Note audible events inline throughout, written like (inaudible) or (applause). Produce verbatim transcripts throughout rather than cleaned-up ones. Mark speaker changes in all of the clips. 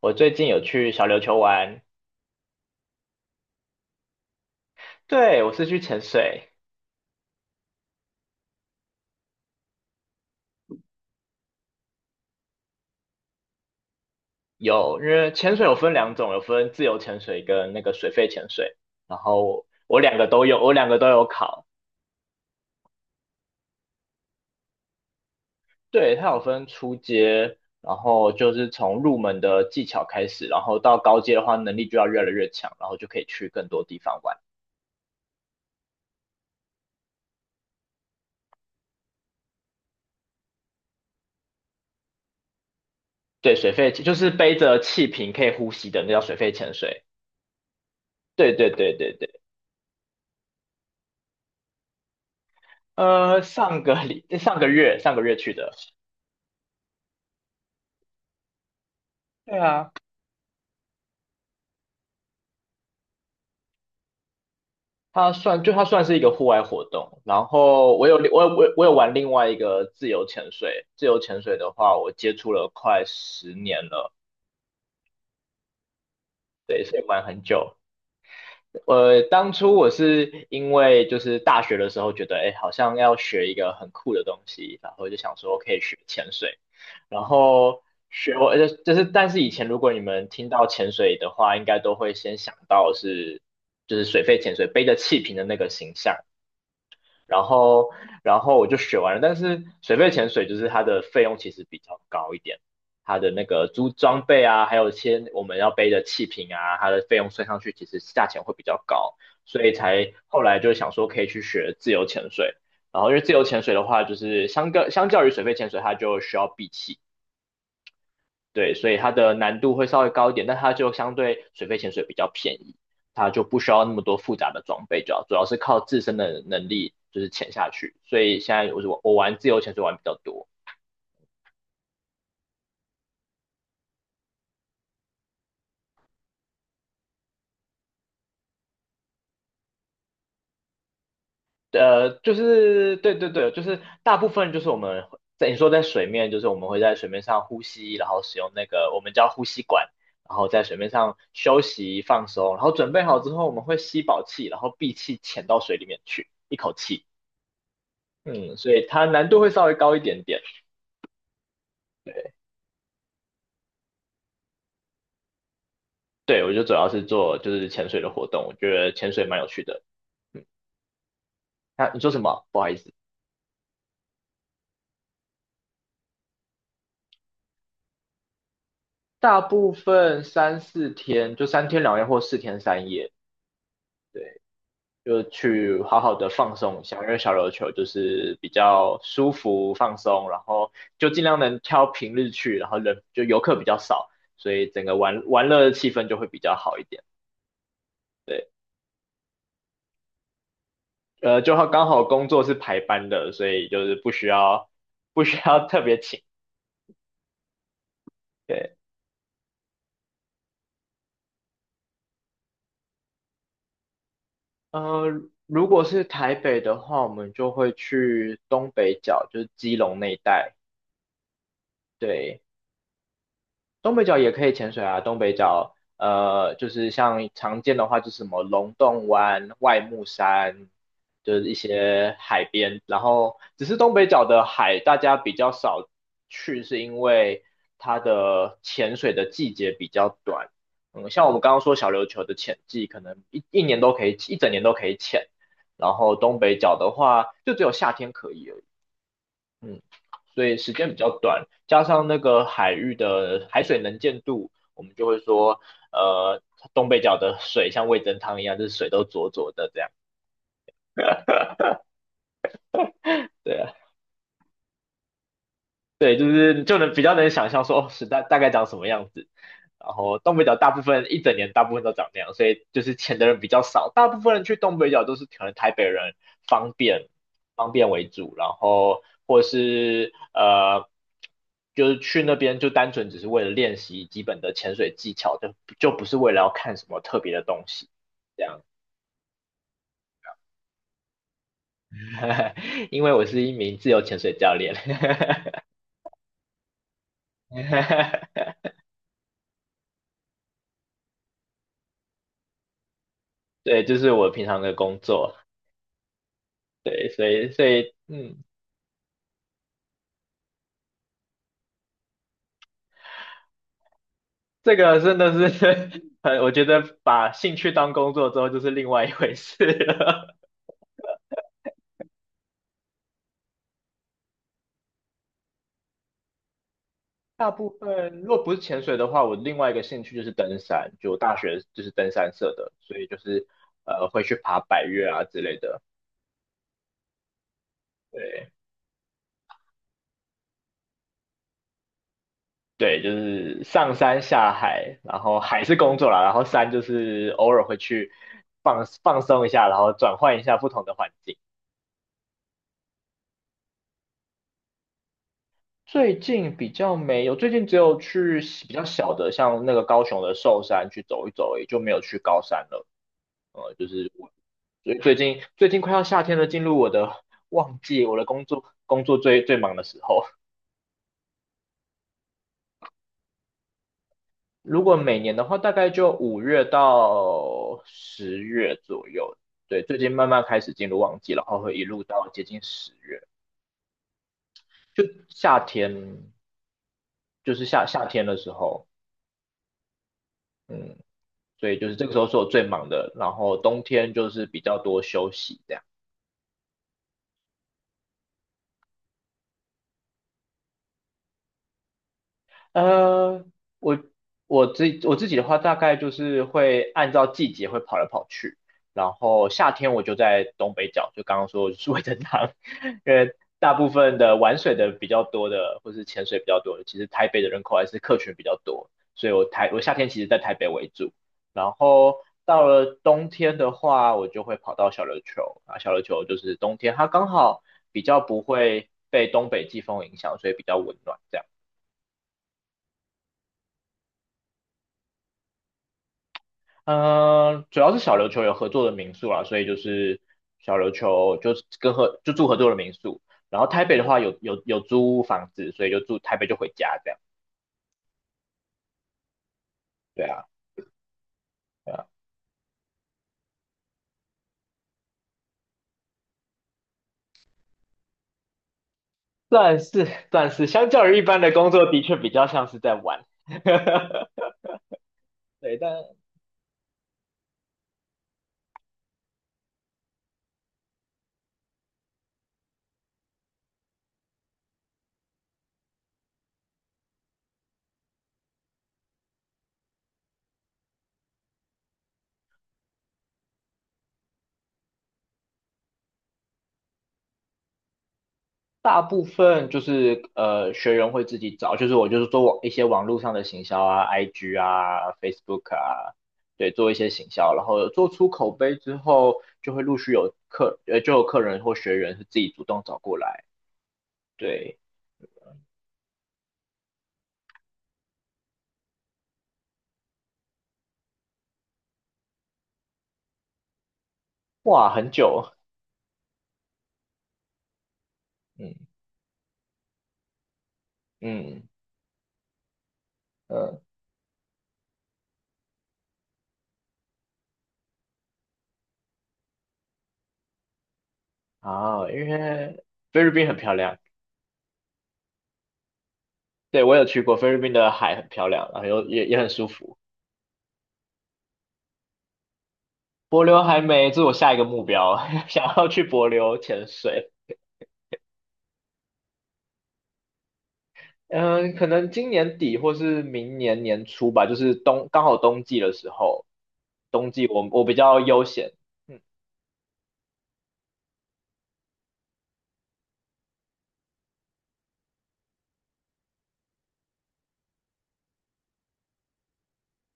Speaker 1: 我最近有去小琉球玩，对，我是去潜水，有，因为潜水有分两种，有分自由潜水跟那个水肺潜水，然后我两个都有，我两个都有考，对，它有分初阶，然后就是从入门的技巧开始，然后到高阶的话，能力就要越来越强，然后就可以去更多地方玩。对，水肺就是背着气瓶可以呼吸的，那叫水肺潜水。对对对对对。呃，上个礼上个月上个月去的。对啊，它算就它算是一个户外活动，然后我有我有我有我有玩另外一个自由潜水，自由潜水的话，我接触了快十年了，对，所以玩很久。呃，当初我是因为就是大学的时候觉得，哎，好像要学一个很酷的东西，然后就想说可以学潜水，然后学我就就是，但是以前如果你们听到潜水的话，应该都会先想到是就是水肺潜水背着气瓶的那个形象。然后然后我就学完了，但是水肺潜水就是它的费用其实比较高一点，它的那个租装备啊，还有一些我们要背的气瓶啊，它的费用算上去其实价钱会比较高，所以才后来就想说可以去学自由潜水。然后因为自由潜水的话，就是相较相较于水肺潜水，它就需要闭气，对，所以它的难度会稍微高一点，但它就相对水肺潜水比较便宜，它就不需要那么多复杂的装备，主要主要是靠自身的能力就是潜下去。所以现在我我我玩自由潜水玩比较多，呃，就是对对对，就是大部分就是我们在你说在水面，就是我们会在水面上呼吸，然后使用那个我们叫呼吸管，然后在水面上休息放松，然后准备好之后我们会吸饱气，然后闭气潜到水里面去，一口气。嗯，所以它难度会稍微高一点点。对，对我就主要是做就是潜水的活动，我觉得潜水蛮有趣的。嗯，啊，你说什么？不好意思，大部分三四天就三天两夜或四天三夜，对，就去好好的放松一下，因为小琉球就是比较舒服放松，然后就尽量能挑平日去，然后人就游客比较少，所以整个玩玩乐的气氛就会比较好一点。对。呃，就刚好工作是排班的，所以就是不需要不需要特别请。对，呃，如果是台北的话，我们就会去东北角，就是基隆那一带。对，东北角也可以潜水啊，东北角呃，就是像常见的话，就是什么龙洞湾、外木山，就是一些海边。然后，只是东北角的海大家比较少去，是因为它的潜水的季节比较短。嗯，像我们刚刚说小琉球的潜季，可能一一年都可以，一整年都可以潜。然后东北角的话，就只有夏天可以而已。嗯，所以时间比较短，加上那个海域的海水能见度，我们就会说，呃，东北角的水像味噌汤一样，就是水都浊浊的这样。对啊。对，就是就能比较能想象说哦，时代大概长什么样子。然后东北角大部分一整年大部分都长那样，所以就是钱的人比较少，大部分人去东北角都是可能台北人方便方便为主，然后或是呃就是去那边就单纯只是为了练习基本的潜水技巧，就就不是为了要看什么特别的东西这样。(laughs) 因为我是一名自由潜水教练，(laughs) (laughs) 对，就是我平常的工作。对，所以所以嗯，这个真的是 (laughs) 呃，我觉得把兴趣当工作之后就是另外一回事了。(laughs) 大部分如果不是潜水的话，我另外一个兴趣就是登山，就我大学就是登山社的，所以就是呃会去爬百岳啊之类的。对对，就是上山下海，然后海是工作啦，然后山就是偶尔会去放放松一下，然后转换一下不同的环境。最近比较没有，最近只有去比较小的，像那个高雄的寿山去走一走而已，就没有去高山了。呃，就是我最最近最近快要夏天了，进入我的旺季，我的工作工作最最忙的时候。如果每年的话，大概就五月到十月左右。对，最近慢慢开始进入旺季，然后会一路到接近十月，就夏天，就是夏夏天的时候。嗯，所以就是这个时候是我最忙的，然后冬天就是比较多休息这样。呃，我我自我自己的话，大概就是会按照季节会跑来跑去，然后夏天我就在东北角，就刚刚说就是味噌汤，(laughs) 因为大部分的玩水的比较多的，或是潜水比较多的，其实台北的人口还是客群比较多，所以我台我夏天其实在台北为主，然后到了冬天的话，我就会跑到小琉球，啊，小琉球就是冬天，它刚好比较不会被东北季风影响，所以比较温暖这样。嗯，主要是小琉球有合作的民宿啦，所以就是小琉球就是跟合就住合作的民宿，然后台北的话有有有租房子，所以就住台北就回家这样。对啊，对啊，算是算是相较于一般的工作，的确比较像是在玩。(laughs) 对，但大部分就是呃，学员会自己找，就是我就是做网一些网络上的行销啊，I G 啊，Facebook 啊，对，做一些行销，然后做出口碑之后，就会陆续有客呃，就有客人或学员是自己主动找过来，对，哇，很久，嗯嗯嗯，啊，因为菲律宾很漂亮，对，我有去过，菲律宾的海很漂亮，然后又也也很舒服。帛琉还没，这是我下一个目标，(laughs) 想要去帛琉潜水。嗯，可能今年底或是明年年初吧，就是冬，刚好冬季的时候，冬季我我比较悠闲，嗯，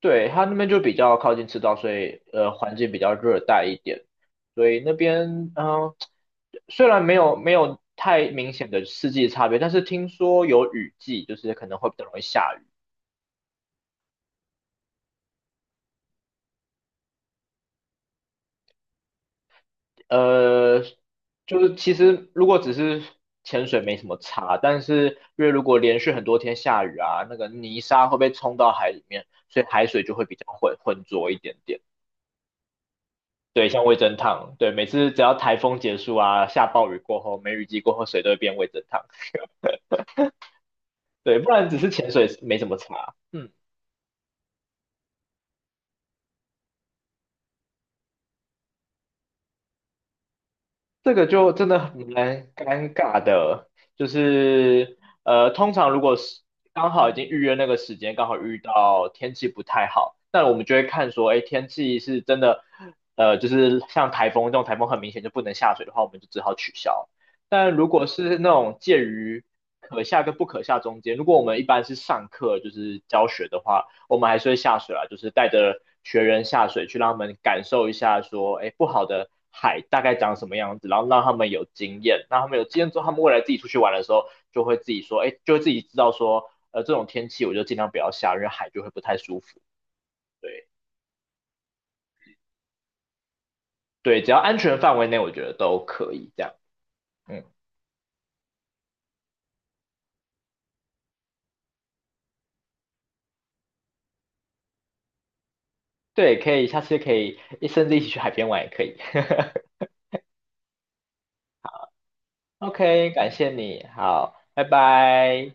Speaker 1: 对，它那边就比较靠近赤道，所以呃环境比较热带一点，所以那边嗯、呃虽然没有没有太明显的四季差别，但是听说有雨季，就是可能会比较容易下雨。呃，就是其实如果只是潜水没什么差，但是因为如果连续很多天下雨啊，那个泥沙会被冲到海里面，所以海水就会比较浑浑浊一点点。对，像味噌汤，对，每次只要台风结束啊，下暴雨过后，梅雨季过后，水都会变味噌汤。对，不然只是潜水没什么差。嗯。这个就真的很蛮尴尬的，就是呃，通常如果是刚好已经预约那个时间，刚好遇到天气不太好，那我们就会看说，哎，天气是真的，呃，就是像台风这种台风很明显就不能下水的话，我们就只好取消。但如果是那种介于可下跟不可下中间，如果我们一般是上课就是教学的话，我们还是会下水啊，就是带着学员下水去让他们感受一下说，哎不好的海大概长什么样子，然后让他们有经验，那他们有经验之后，他们未来自己出去玩的时候就会自己说，哎就会自己知道说，呃这种天气我就尽量不要下，因为海就会不太舒服。对对，只要安全范围内，我觉得都可以这样。嗯，对，可以，下次可以甚至一起去海边玩也可以。(laughs) OK,感谢你，好，拜拜。